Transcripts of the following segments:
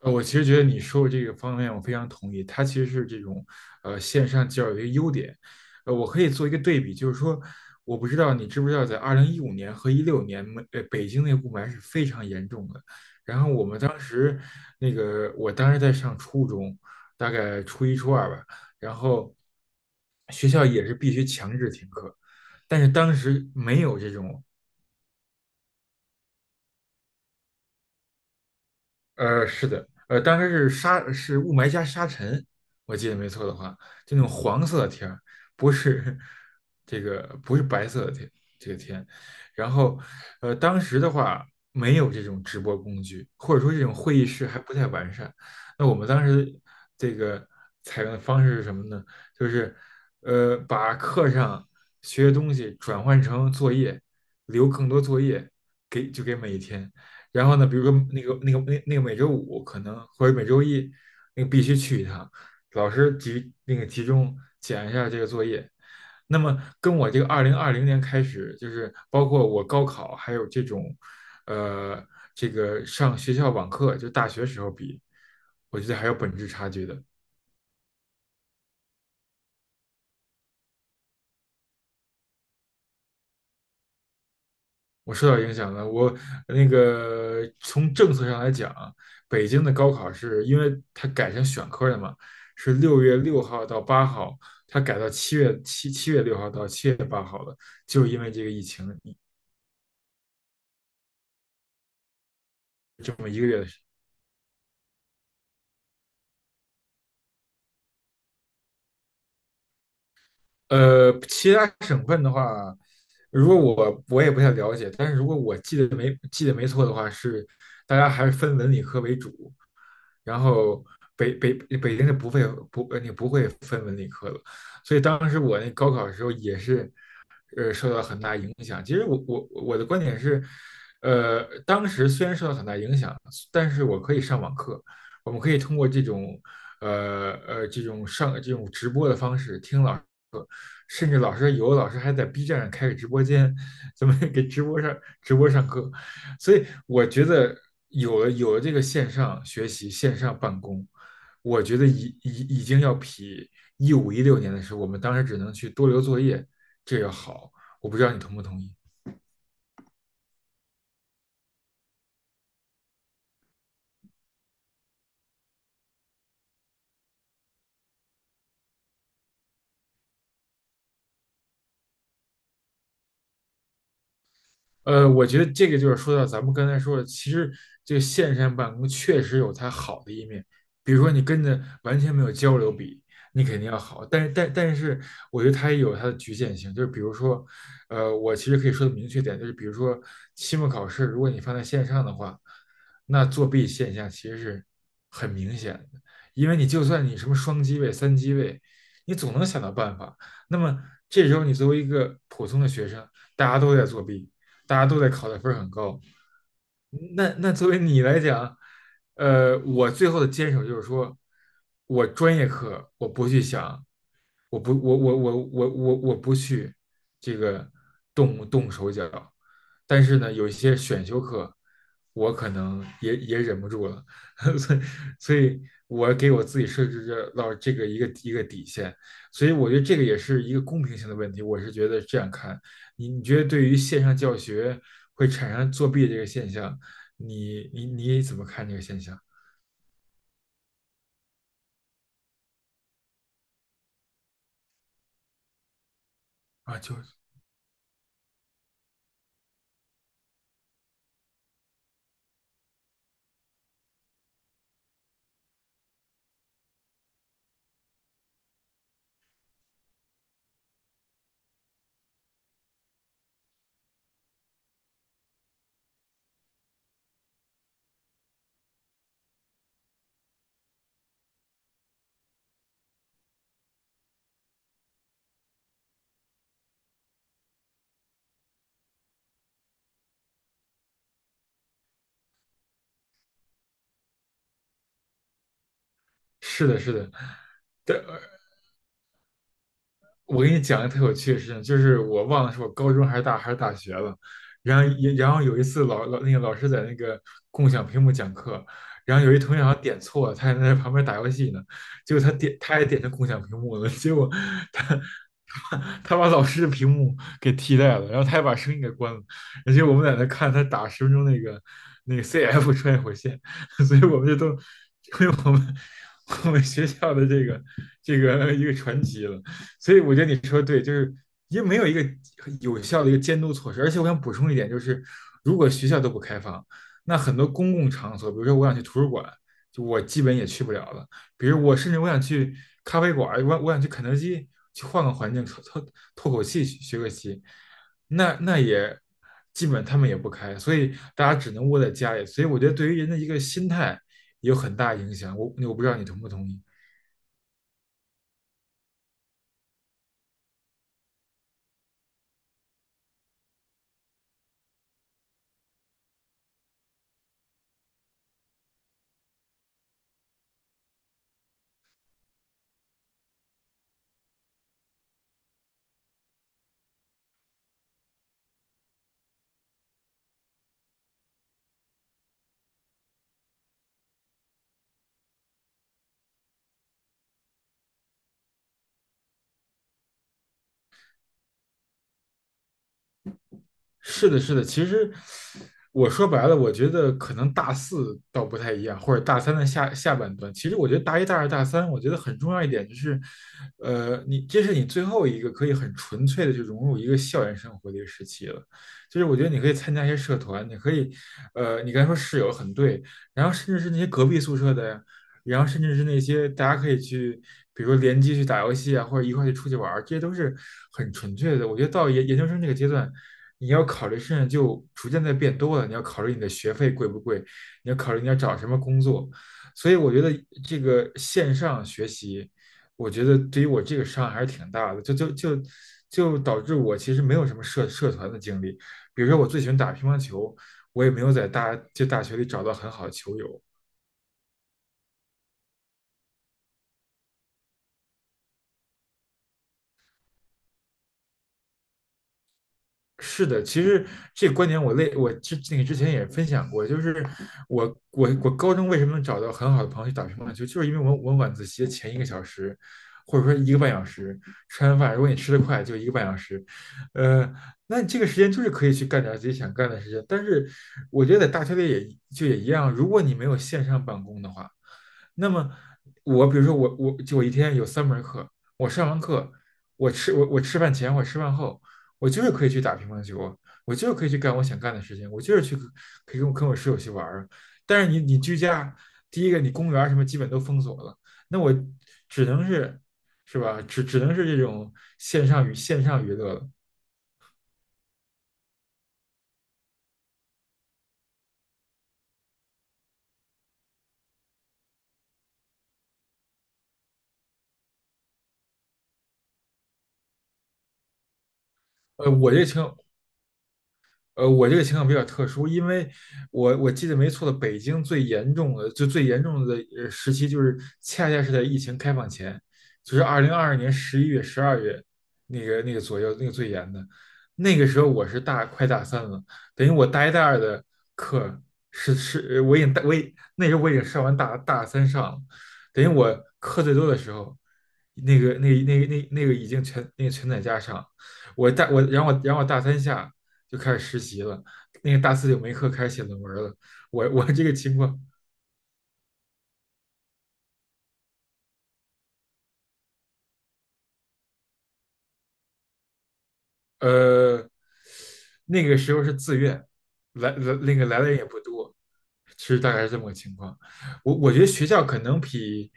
我其实觉得你说的这个方面我非常同意，它其实是这种线上教育的一个优点。我可以做一个对比，就是说，我不知道你知不知道，在2015年和一六年，北京那个雾霾是非常严重的。然后我们当时我当时在上初中，大概初一初二吧，然后学校也是必须强制停课，但是当时没有这种。是的，当时是雾霾加沙尘，我记得没错的话，就那种黄色的天儿，不是 这个不是白色的天，这个天。然后，当时的话没有这种直播工具，或者说这种会议室还不太完善。那我们当时这个采用的方式是什么呢？就是，把课上学的东西转换成作业，留更多作业给每一天。然后呢，比如说那个每周五可能或者每周一，那个必须去一趟，老师集那个集中检一下这个作业。那么跟我这个2020年开始，就是包括我高考还有这种，呃，这个上学校网课，就大学时候比，我觉得还有本质差距的。我受到影响了。我从政策上来讲，北京的高考是因为它改成选科了嘛，是6月6号到八号，它改到7月6号到7月8号了，就是因为这个疫情。这么。其他省份的话，如果我也不太了解，但是如果我记得没错的话，是大家还是分文理科为主，然后北京是不会不呃你不会分文理科的，所以当时我那高考的时候也是受到很大影响。其实我的观点是，当时虽然受到很大影响，但是我可以上网课，我们可以通过这种这种这种直播的方式听老师课，甚至有的老师还在 B 站上开个直播间，咱们给直播上课。所以我觉得有了这个线上学习、线上办公，我觉得已经要比一五一六年的时候，我们当时只能去多留作业，这个好，我不知道你同不同意。我觉得这个就是说到咱们刚才说的，其实这个线上办公确实有它好的一面，比如说你跟着完全没有交流比，你肯定要好，但是我觉得它也有它的局限性，就是比如说，我其实可以说的明确点，就是比如说期末考试，如果你放在线上的话，那作弊现象其实是很明显的，因为你就算你什么双机位、三机位，你总能想到办法，那么这时候你作为一个普通的学生，大家都在作弊，大家都在考的分儿很高，那作为你来讲，我最后的坚守就是说，我专业课我不去想，我不，我我我我我我不去这个动动手脚，但是呢，有一些选修课，我可能也忍不住了，所以所以我给我自己设置这个一个底线，所以我觉得这个也是一个公平性的问题，我是觉得这样看，你觉得对于线上教学会产生作弊这个现象，你怎么看这个现象啊？是的，是的。对，我给你讲一个特有趣的事情，就是我忘了是我高中还是大学了，然后也然后有一次老师在那个共享屏幕讲课，然后有一同学好像点错了，他还在旁边打游戏呢，结果他也点成共享屏幕了，结果他他他把老师的屏幕给替代了，然后他还把声音给关了，而且我们在那看他打10分钟那个 CF 穿越火线，所以我们就都成为我们学校的这个一个传奇了。所以我觉得你说的对，就是因为没有一个有效的一个监督措施。而且我想补充一点，就是如果学校都不开放，那很多公共场所，比如说我想去图书馆，就我基本也去不了了。比如我甚至我想去咖啡馆，我想去肯德基，去换个环境透口气，学个习，那也基本他们也不开，所以大家只能窝在家里。所以我觉得对于人的一个心态也有很大影响。我不知道你同不同意。是的，是的。其实我说白了，我觉得可能大四倒不太一样，或者大三的下半段。其实我觉得大一、大二、大三，我觉得很重要一点就是，你这是你最后一个可以很纯粹的去融入一个校园生活的一个时期了。就是我觉得你可以参加一些社团，你可以，你刚才说室友很对，然后甚至是那些隔壁宿舍的呀，然后甚至是那些大家可以去，比如说联机去打游戏啊，或者一块去出去玩儿，这些都是很纯粹的。我觉得到研究生这个阶段，你要考虑事情就逐渐在变多了，你要考虑你的学费贵不贵，你要考虑你要找什么工作。所以我觉得这个线上学习，我觉得对于我这个伤害还是挺大的，就导致我其实没有什么社团的经历。比如说我最喜欢打乒乓球，我也没有在大学里找到很好的球友。是的，其实这个观点我类我之那个之前也分享过，就是我我高中为什么能找到很好的朋友去打乒乓球，就是因为我晚自习的前一个小时，或者说一个半小时，吃完饭如果你吃得快，就一个半小时，呃，那你这个时间就是可以去干点自己想干的事情。但是我觉得在大学里也一样，如果你没有线上办公的话，那么我比如说我一天有三门课，我上完课，我吃饭前我吃饭后。我就是可以去打乒乓球，我就是可以去干我想干的事情，我就是可以跟我室友去玩儿。但是你居家，第一个你公园儿什么基本都封锁了，那我只能是，是吧？只能是这种线上娱乐了。呃，我这情我这个情况比较特殊，因为我记得没错的，北京最严重的时期，就是恰恰是在疫情开放前，就是2022年11月、12月那个左右，那个最严的。那个时候我是快大三了，等于我大一大二的课是，我已经大我已那时候我已经上完大三上了，等于我课最多的时候，那个已经全那个全在家上，我大我然后我然后我大三下。就开始实习了，那个大四就没课，开始写论文了。我我这个情况呃，那个时候是自愿，来来那个来的人也不多，其实大概是这么个情况。我觉得学校可能比，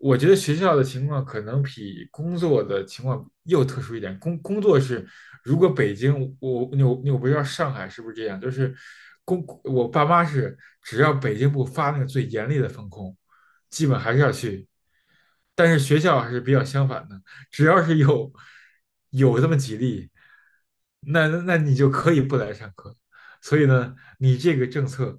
我觉得学校的情况可能比工作的情况又特殊一点。工作是，如果北京，我不知道上海是不是这样，就是我爸妈是，只要北京不发那个最严厉的封控，基本还是要去。但是学校还是比较相反的。只要是有这么几例，那你就可以不来上课。所以呢，你这个政策，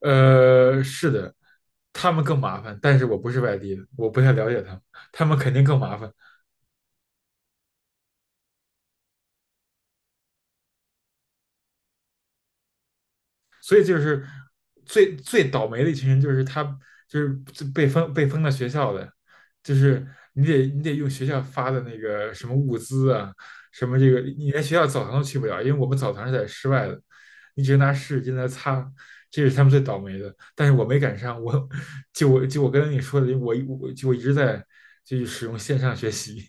是的，他们更麻烦，但是我不是外地的，我不太了解他们，他们肯定更麻烦。所以就是最最倒霉的一群人，就是他就是被封到学校的，就是你得用学校发的那个什么物资啊，什么这个你连学校澡堂都去不了，因为我们澡堂是在室外的，你只能拿湿纸巾来擦。这是他们最倒霉的，但是我没赶上。我跟你说的，我一直在使用线上学习，